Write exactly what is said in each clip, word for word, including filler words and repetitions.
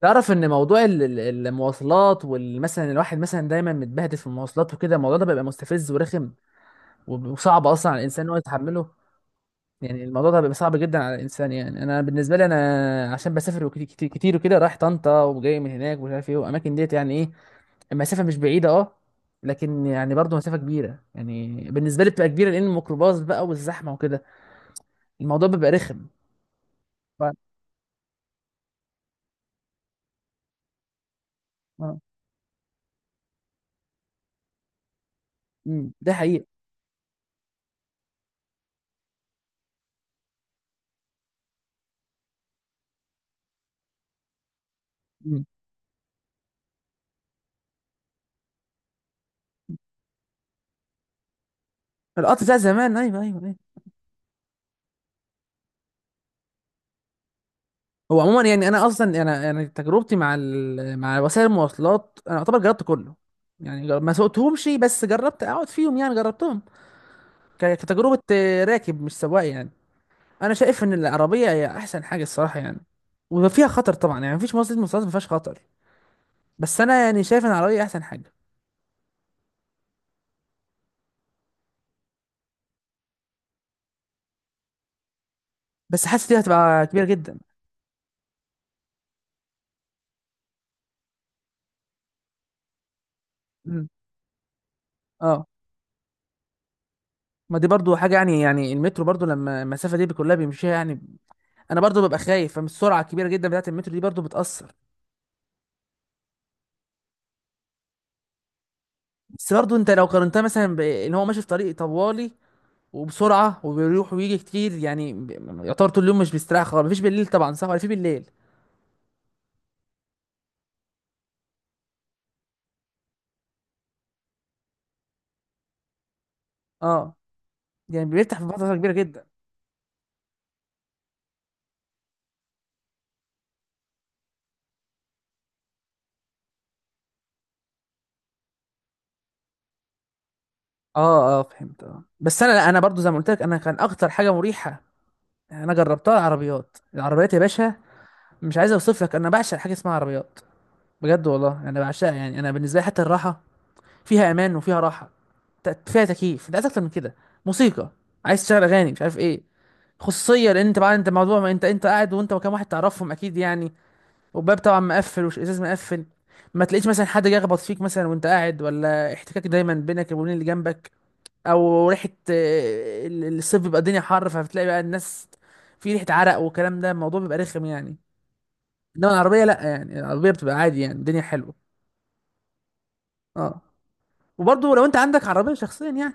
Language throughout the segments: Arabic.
تعرف ان موضوع ال- ال- المواصلات والمثلا الواحد مثلا دايما متبهدل في المواصلات وكده، الموضوع ده بيبقى مستفز ورخم، وب- وصعب اصلا على الانسان ان هو يتحمله. يعني الموضوع ده بيبقى صعب جدا على الانسان، يعني انا بالنسبه لي، انا عشان بسافر وكتير كتير, كتير وكده، رايح طنطا وجاي من هناك ومش عارف ايه، والاماكن ديت يعني ايه. المسافه مش بعيده، اه. لكن يعني برضه مسافه كبيره، يعني بالنسبه لي بتبقى كبيره لان الميكروباص بقى والزحمه وكده. الموضوع بيبقى رخم. ف... آه. أمم. ده حقيقي. أمم. القطر بتاع زمان، ايوه ايوه ايوه. هو عموما، يعني انا اصلا، انا انا تجربتي مع ال... مع وسائل المواصلات، انا اعتبر جربت كله. يعني جر- ما سوقتهمش بس جربت اقعد فيهم، يعني جربتهم. ك... كتجربه، آه، راكب مش سواق يعني. انا شايف ان العربيه هي احسن حاجه الصراحه يعني. وفيها خطر طبعا، يعني مفيش وسيله مواصلات ما فيهاش خطر، بس انا يعني شايف ان العربيه احسن حاجه. بس حاسس دي هتبقى كبيره جدا. مم. اه. ما دي برضو حاجه، يعني يعني المترو برضو لما المسافه دي كلها بيمشيها يعني. انا برضو ببقى خايف فمن السرعه الكبيره جدا بتاعت المترو، دي برضو بتاثر. بس برضه انت لو قارنتها مثلا بان هو ماشي في طريق طوالي وبسرعه وبيروح ويجي كتير، يعني ب- يعتبر طول اليوم مش بيستريح خالص، مفيش بالليل طبعا، صح ولا في بالليل؟ اه. يعني بيفتح في فتره كبيره جدا. اه اه فهمت، اه. بس انا، لا انا برضو زي ما قلت لك، انا كان اكتر حاجه مريحه انا جربتها العربيات، العربيات يا باشا. مش عايز اوصف لك، انا بعشق حاجه اسمها عربيات، بجد والله انا بعشقها يعني. انا بالنسبه لي، حتى الراحه فيها امان وفيها راحه، ت- فيها تكييف، انت عايز اكتر من كده؟ موسيقى، عايز تشغل اغاني مش عارف ايه. خصوصيه، لان انت بعد، انت موضوع ما انت انت قاعد وانت وكام واحد تعرفهم اكيد يعني. والباب طبعا مقفل والازاز مقفل. ما تلاقيش مثلا حد جاي يخبط فيك مثلا وانت قاعد، ولا احتكاك دايما بينك وبين اللي جنبك، او ريحه. آه، ال- ال- الصيف بيبقى الدنيا حر، فبتلاقي بقى الناس في ريحه عرق والكلام ده، الموضوع بيبقى رخم يعني. انما العربيه لا، يعني العربيه بتبقى عادي، يعني الدنيا حلوه. اه. وبرضه لو انت عندك عربيه شخصيا يعني.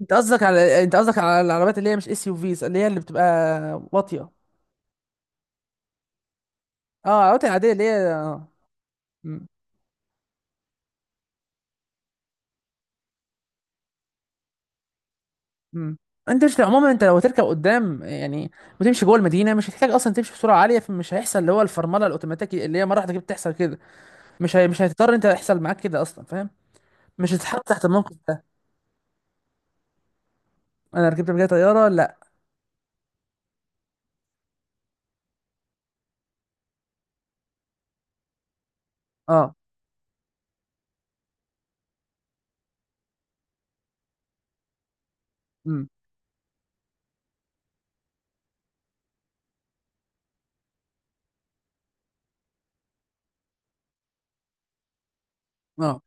انت قصدك على انت قصدك على العربيات اللي هي مش اس يو فيز، اللي هي اللي بتبقى واطيه. اه العربيات العاديه اللي هي اه. مم. مم. انت، مش عموما، انت لو هتركب قدام يعني وتمشي جوه المدينه، مش هتحتاج اصلا تمشي بسرعه عاليه، فمش هيحصل اللي هو الفرمله الاوتوماتيكي اللي هي مره واحده كده بتحصل كده. مش هي... مش هتضطر انت يحصل معاك كده اصلا، فاهم. مش هتتحط تحت الموقف ده. انا ركبت قبل كده طياره، لا. اه. امم. اه.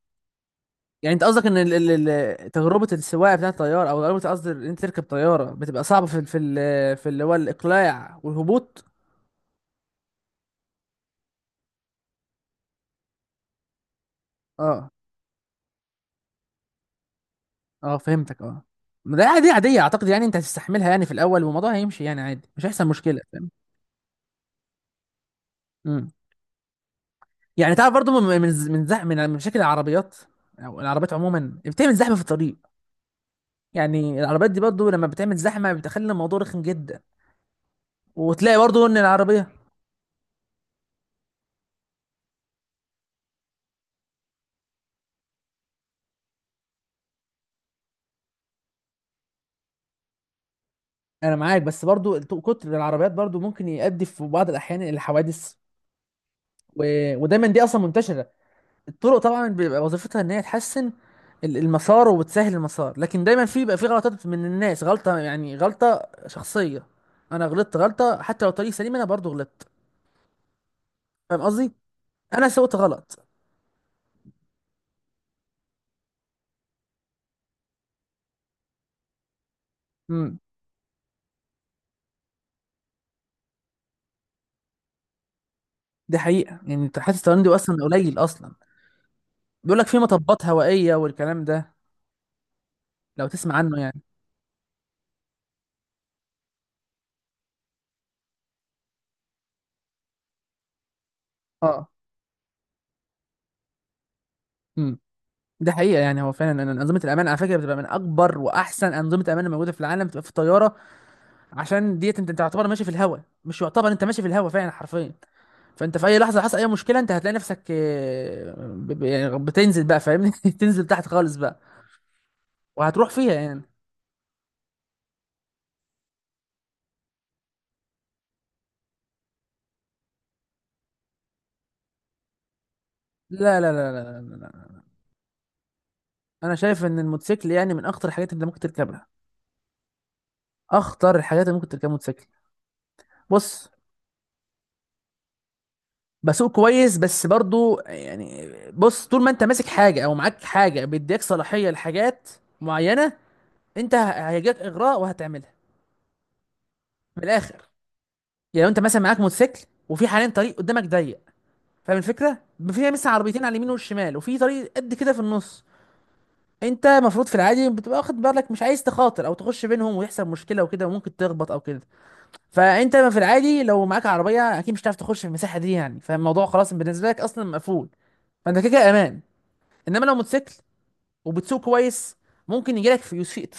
يعني انت قصدك ان ال... ال... ال- تجربه السواقه بتاعت الطياره، او تجربه، قصدي ان انت تركب طياره بتبقى صعبه في ال- في ال... في اللي هو الاقلاع والهبوط. اه اه فهمتك، اه. ما ده عادي، عادية اعتقد يعني، انت هتستحملها يعني في الاول، والموضوع هيمشي يعني عادي، مش هيحصل مشكلة، فاهم. امم. يعني تعرف برضو، من من من زح من من مشاكل العربيات، او العربيات عموما بتعمل زحمة في الطريق. يعني العربيات دي برضو لما بتعمل زحمة بتخلي الموضوع رخم جدا. وتلاقي برضو ان العربية، انا معاك، بس برضو الت- كتر العربيات برضو ممكن يؤدي في بعض الاحيان الى حوادث، و... ودايما دي اصلا منتشرة. الطرق طبعا بيبقى وظيفتها ان هي تحسن ال- المسار وبتسهل المسار، لكن دايما في بيبقى في غلطات من الناس، غلطه يعني غلطه شخصيه. انا غلطت غلطه حتى لو طريق سليم، انا برضو غلطت، فاهم قصدي، انا سويت غلط. امم. دي حقيقه، يعني انت حاسس الطيران دي اصلا قليل اصلا، بيقول لك في مطبات هوائيه والكلام ده، لو تسمع عنه يعني. اه. امم. ده حقيقه، يعني هو فعلا أن انظمه الامان على فكره بتبقى من اكبر واحسن انظمه امان الموجوده في العالم، بتبقى في الطياره. عشان ديت انت أنت تعتبر ماشي في الهواء، مش يعتبر انت ماشي في الهواء فعلا حرفيا. فانت في اي لحظه حصل اي مشكله، انت هتلاقي نفسك، آه، ب- ب- يعني بتنزل بقى فاهمني. تنزل تحت خالص بقى، وهتروح فيها يعني. لا لا لا لا لا, لا. انا شايف ان الموتوسيكل يعني من اخطر الحاجات اللي ممكن تركبها، اخطر الحاجات اللي ممكن تركبها موتوسيكل. بص. بسوق كويس بس برضو، يعني بص، طول ما انت ماسك حاجه او معاك حاجه بيديك صلاحيه لحاجات معينه، انت ه- هيجيك اغراء وهتعملها. من الاخر، يعني لو انت مثلا معاك موتوسيكل، وفي حاليا طريق قدامك ضيق، فاهم الفكره، فيها مثل عربيتين على اليمين والشمال وفي طريق قد كده في النص. انت المفروض في العادي بتبقى واخد بالك، مش عايز تخاطر او تخش بينهم ويحصل مشكله وكده وممكن تخبط او كده. فانت في العادي لو معاك عربيه، اكيد مش هتعرف تخش في المساحه دي يعني، فالموضوع خلاص بالنسبه لك اصلا مقفول. فانت كده كده امان. انما لو موتوسيكل وبتسوق كويس، ممكن يجيلك في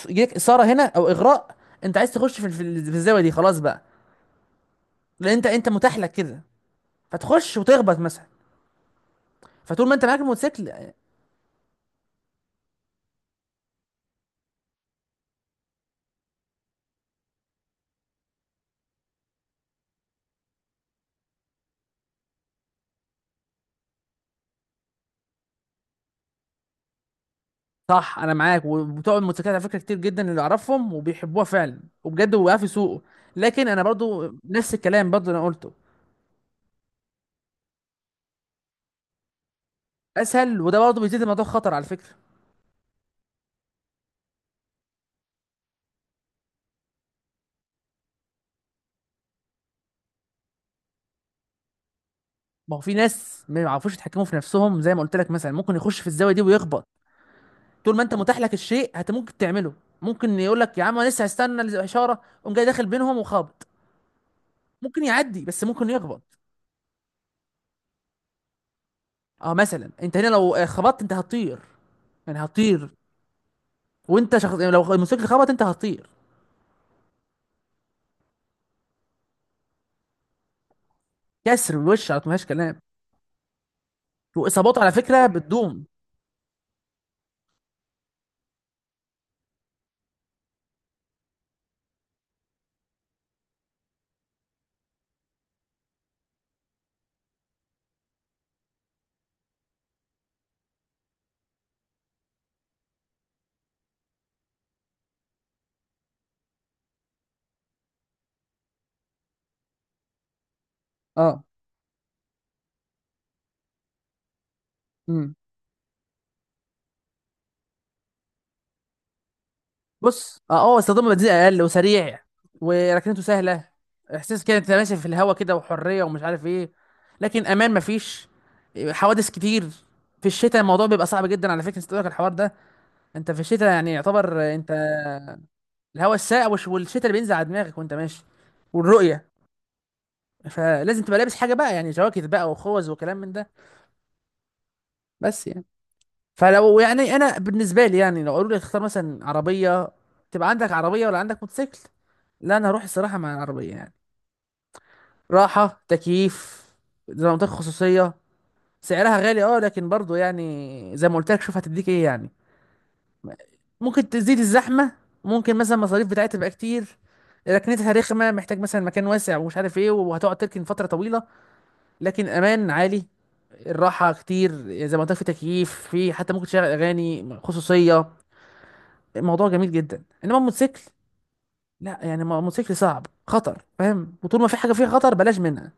يجيلك اثاره هنا او اغراء، انت عايز تخش في في الزاويه دي، خلاص بقى، لان انت انت متاح لك كده، فتخش وتخبط مثلا. فطول ما انت معاك الموتوسيكل. صح، انا معاك. وبتوع الموتوسيكلات على فكره كتير جدا اللي اعرفهم وبيحبوها فعلا وبجد، وقف يسوقوا. لكن انا برضو نفس الكلام برضو اللي انا قلته. اسهل، وده برضو بيزيد الموضوع خطر على فكره. ما هو في ناس ما يعرفوش يتحكموا في نفسهم زي ما قلت لك، مثلا ممكن يخش في الزاويه دي ويخبط. طول ما انت متاح لك الشيء، هت ممكن تعمله. ممكن يقول لك يا عم انا لسه هستنى الاشاره، قوم جاي داخل بينهم وخابط. ممكن يعدي، بس ممكن يخبط. اه مثلا انت هنا لو آه، خبطت، انت هتطير. يعني هتطير، وانت شخص، يعني لو الموتوسيكل خبط انت هتطير. كسر وش، على مفيهاش كلام. واصاباته على فكره بتدوم. اه. امم. بص، اه هو استخدامه بنزين اقل وسريع، وركنته سهله، احساس كده انت ماشي في الهوا كده وحريه ومش عارف ايه. لكن امان مفيش، حوادث كتير. في الشتاء الموضوع بيبقى صعب جدا على فكره، استوعبك الحوار ده؟ انت في الشتاء، يعني يعتبر انت، الهواء الساقع والش- والشتاء اللي بينزل على دماغك وانت ماشي، والرؤيه، فلازم تبقى لابس حاجه بقى، يعني جواكت بقى وخوذ وكلام من ده، بس يعني. فلو، يعني انا بالنسبه لي، يعني لو قالوا لي اختار، مثلا عربيه تبقى عندك عربيه ولا عندك موتوسيكل، لا انا هروح الصراحه مع العربيه يعني. راحه، تكييف، زي ما قلت لك، خصوصيه. سعرها غالي اه، لكن برضو يعني زي ما قلت لك، شوف هتديك ايه يعني. ممكن تزيد الزحمه، ممكن مثلا المصاريف بتاعتها تبقى كتير، ركنتها رخمه، محتاج مثلا مكان واسع ومش عارف ايه، وهتقعد تركن فتره طويله. لكن امان عالي، الراحه كتير، زي ما قلت لك في تكييف، في حتى ممكن تشغل اغاني، خصوصيه. الموضوع جميل جدا. انما الموتوسيكل لا، يعني الموتوسيكل صعب، خطر فاهم، وطول ما في حاجه فيها خطر بلاش منها.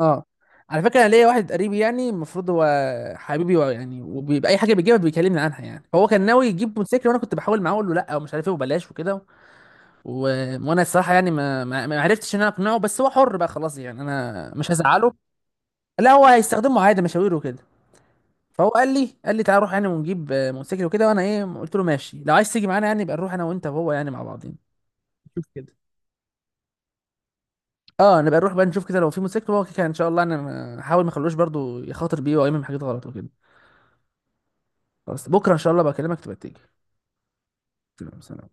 اه على فكره انا ليا واحد قريبي يعني، المفروض هو حبيبي، و- يعني وبيبقى اي حاجه بيجيبها بيكلمني عنها يعني. هو كان ناوي يجيب موتوسيكل، وانا كنت بحاول معاه اقول له لا ومش عارف ايه وبلاش وكده، و... وانا الصراحه يعني ما... ما ما عرفتش ان انا اقنعه، بس هو حر بقى خلاص، يعني انا مش هزعله. لا هو هيستخدمه عادي، مشاوير وكده. فهو قال لي قال لي تعال نروح يعني ونجيب، آه، موتوسيكل وكده، وانا ايه قلت له ماشي لو عايز تيجي معانا يعني، يبقى نروح انا وانت وهو يعني مع بعضين. شوف كده. اه نبقى نروح بقى نشوف كده لو في موتوسيكل، هو كده ان شاء الله انا ما- هحاول ما اخلوش برضو يخاطر بيه او يعمل حاجات غلط وكده. خلاص بكره ان شاء الله بكلمك تبقى تيجي. تمام، سلام.